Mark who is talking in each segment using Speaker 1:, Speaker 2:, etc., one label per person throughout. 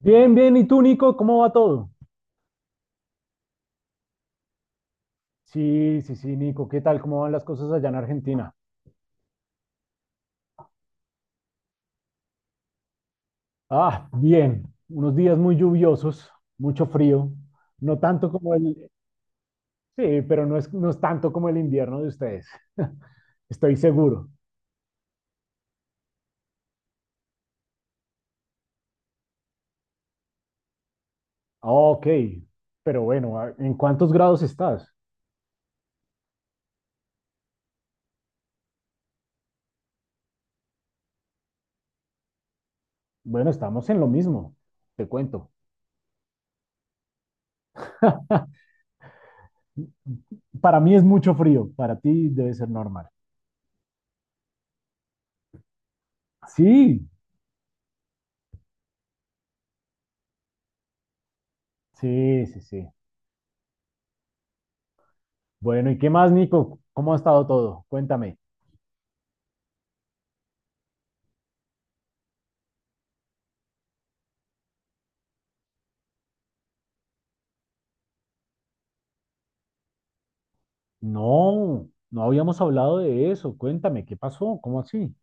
Speaker 1: Bien, bien. ¿Y tú, Nico? ¿Cómo va todo? Sí, sí, sí, Nico. ¿Qué tal? ¿Cómo van las cosas allá en Argentina? Ah, bien. Unos días muy lluviosos, mucho frío. No tanto como el... Sí, pero no es tanto como el invierno de ustedes. Estoy seguro. Ah, ok. Pero bueno, ¿en cuántos grados estás? Bueno, estamos en lo mismo. Te cuento. Para mí es mucho frío. Para ti debe ser normal. Sí, sí, sí, sí. Bueno, ¿y qué más, Nico? ¿Cómo ha estado todo? Cuéntame. No, no habíamos hablado de eso. Cuéntame, ¿qué pasó? ¿Cómo así?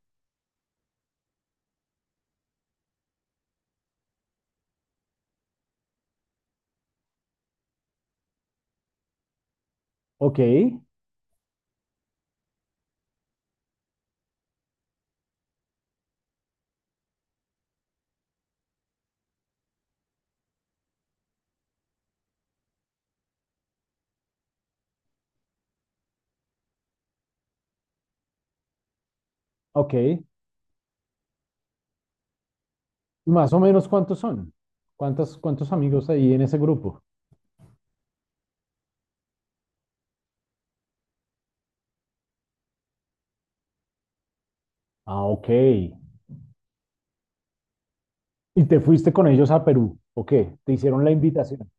Speaker 1: Ok, ok. ¿Más o menos cuántos son? ¿¿Cuántos amigos ahí en ese grupo? Ah, ok. ¿Y te fuiste con ellos a Perú? ¿O qué? ¿Te hicieron la invitación?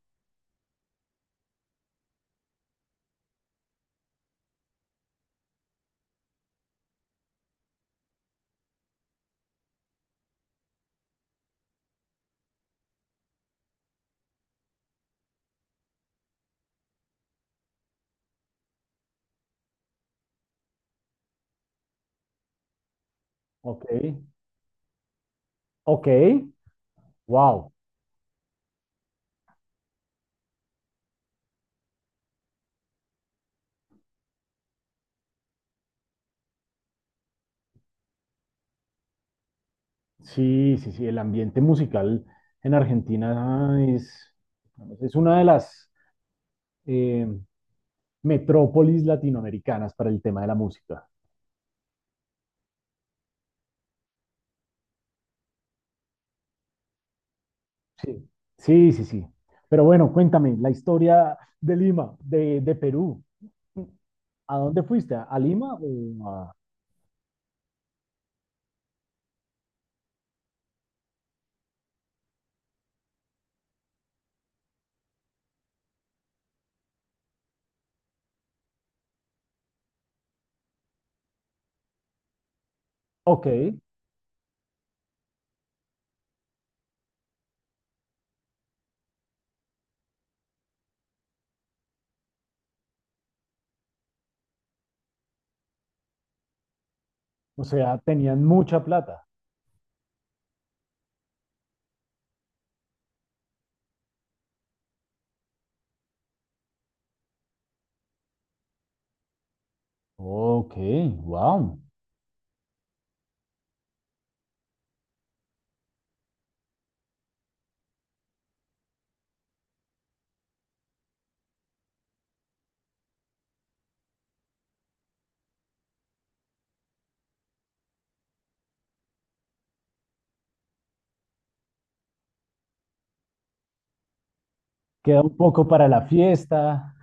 Speaker 1: Ok, ok. Wow. Sí, sí, sí. El ambiente musical en Argentina es una de las eh, metrópolis latinoamericanas para el tema de la música. Sí, sí, sí, sí. Pero bueno, cuéntame la historia de Lima, de Perú. ¿A dónde fuiste? ¿A Lima? Ok, o sea, tenían mucha plata. Ok, wow. Queda un poco para la fiesta.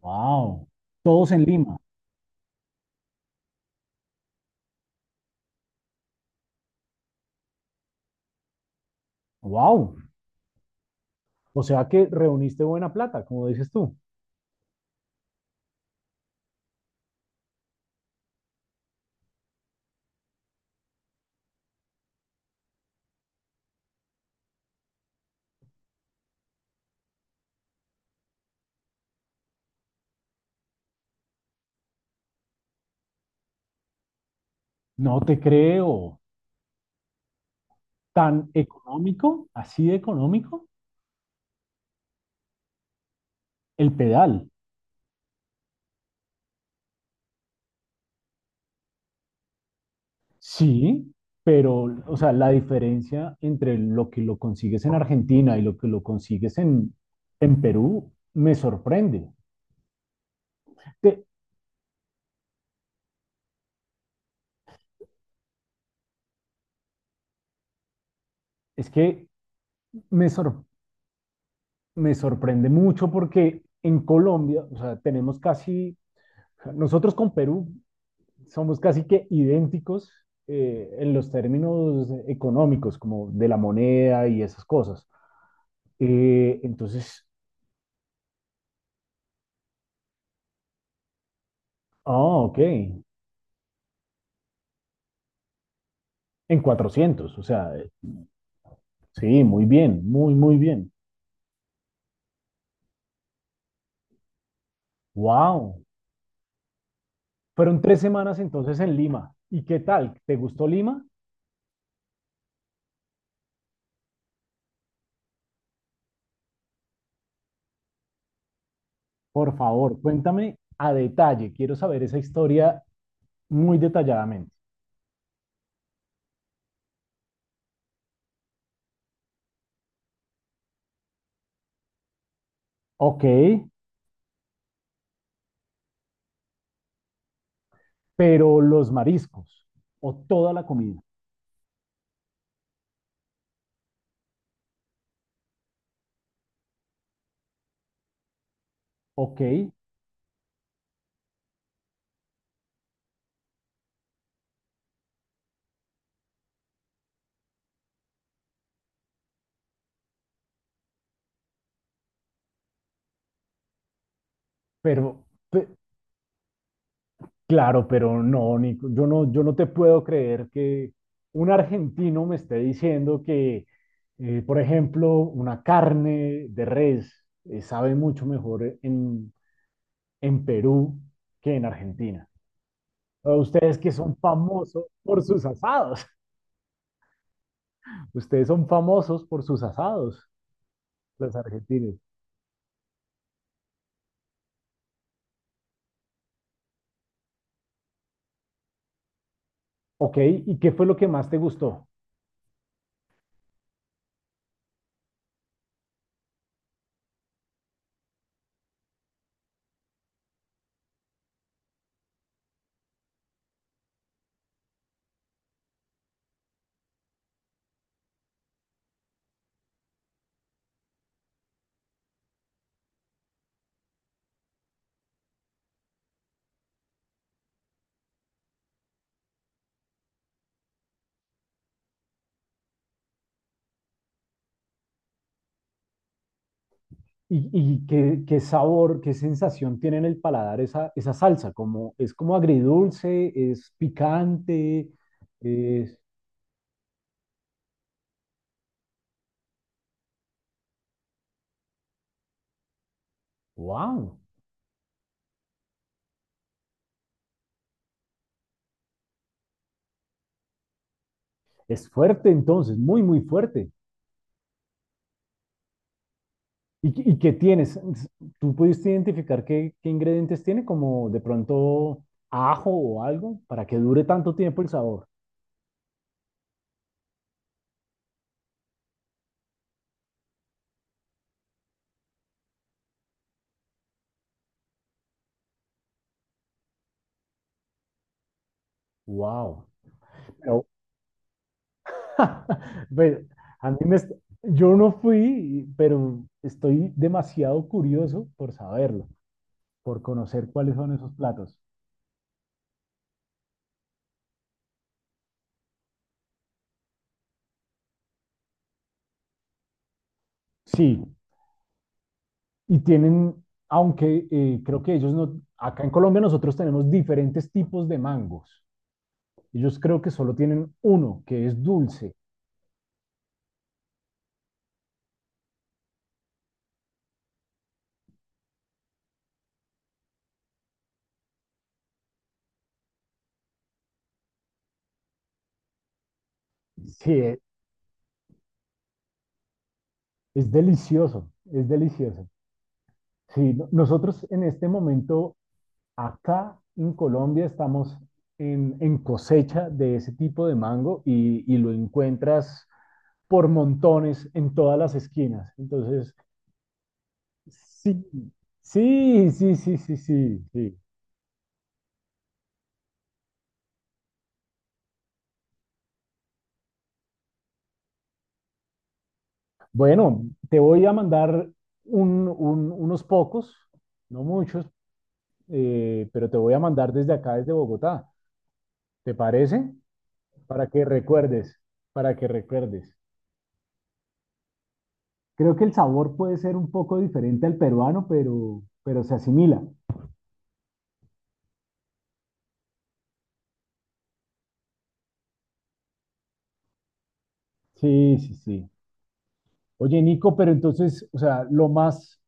Speaker 1: Wow. Todos en Lima. Wow. O sea que reuniste buena plata, como dices tú. No te creo. ¿Tan económico? ¿Así de económico? El pedal. Sí, pero, o sea, la diferencia entre lo que lo consigues en Argentina y lo que lo consigues en Perú me sorprende. Te- es que me, sor- Me sorprende mucho porque en Colombia, o sea, tenemos casi, nosotros con Perú somos casi que idénticos, en los términos económicos, como de la moneda y esas cosas. Eh, entonces, ah, ok, en 400, o sea, sí, muy bien, muy, muy bien. Wow. Fueron tres semanas entonces en Lima. ¿Y qué tal? ¿Te gustó Lima? Por favor, cuéntame a detalle. Quiero saber esa historia muy detalladamente. Ok, pero los mariscos o toda la comida. Ok, pero pe- claro, pero no, Nico, yo no te puedo creer que un argentino me esté diciendo que, por ejemplo, una carne de res sabe mucho mejor en Perú que en Argentina. O ustedes que son famosos por sus asados. Ustedes son famosos por sus asados, los argentinos. Ok, ¿y qué fue lo que más te gustó? Y qué, qué sabor, qué sensación tiene en el paladar esa, esa salsa? Como, ¿es como agridulce? ¿Es picante? Es... ¡Wow! Es fuerte entonces, muy, muy fuerte. Y qué tienes? ¿Tú pudiste identificar qué, qué ingredientes tiene, como de pronto ajo o algo, para que dure tanto tiempo el sabor? ¡Wow! Pero, pues, a mí me est- yo no fui, pero estoy demasiado curioso por saberlo, por conocer cuáles son esos platos. Sí, y tienen, aunque creo que ellos no, acá en Colombia nosotros tenemos diferentes tipos de mangos. Ellos creo que solo tienen uno, que es dulce. Sí, es delicioso, es delicioso. Sí, nosotros en este momento acá en Colombia estamos en cosecha de ese tipo de mango y lo encuentras por montones en todas las esquinas. Entonces, sí, sí, sí, sí, sí, sí, sí. Bueno, te voy a mandar unos pocos, no muchos, pero te voy a mandar desde acá, desde Bogotá. ¿Te parece? Para que recuerdes, para que recuerdes. Creo que el sabor puede ser un poco diferente al peruano, pero se asimila. Sí, sí, sí. Oye, Nico, pero entonces, o sea, lo más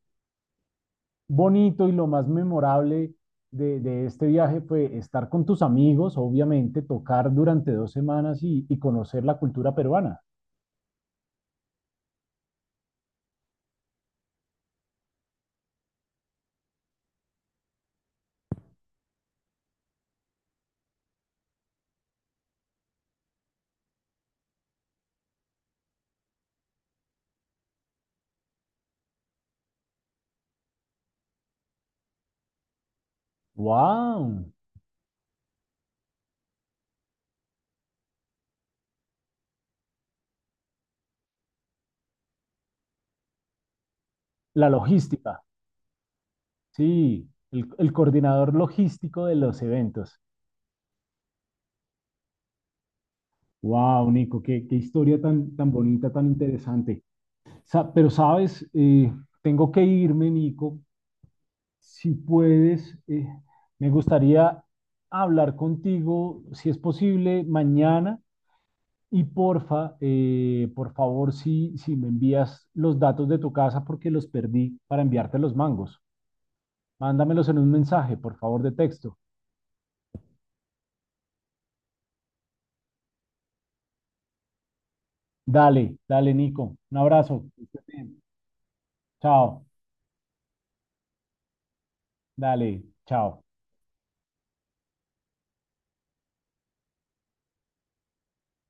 Speaker 1: bonito y lo más memorable de este viaje fue estar con tus amigos, obviamente, tocar durante dos semanas y conocer la cultura peruana. ¡Wow! La logística, sí, el coordinador logístico de los eventos. Wow, Nico, qué, qué historia tan, tan bonita, tan interesante. Pero sabes, tengo que irme, Nico. Si puedes, me gustaría hablar contigo, si es posible, mañana. Y porfa, por favor, si, si me envías los datos de tu casa porque los perdí para enviarte los mangos. Mándamelos en un mensaje, por favor, de texto. Dale, dale, Nico. Un abrazo. Que estés bien. Chao. Dale, chao.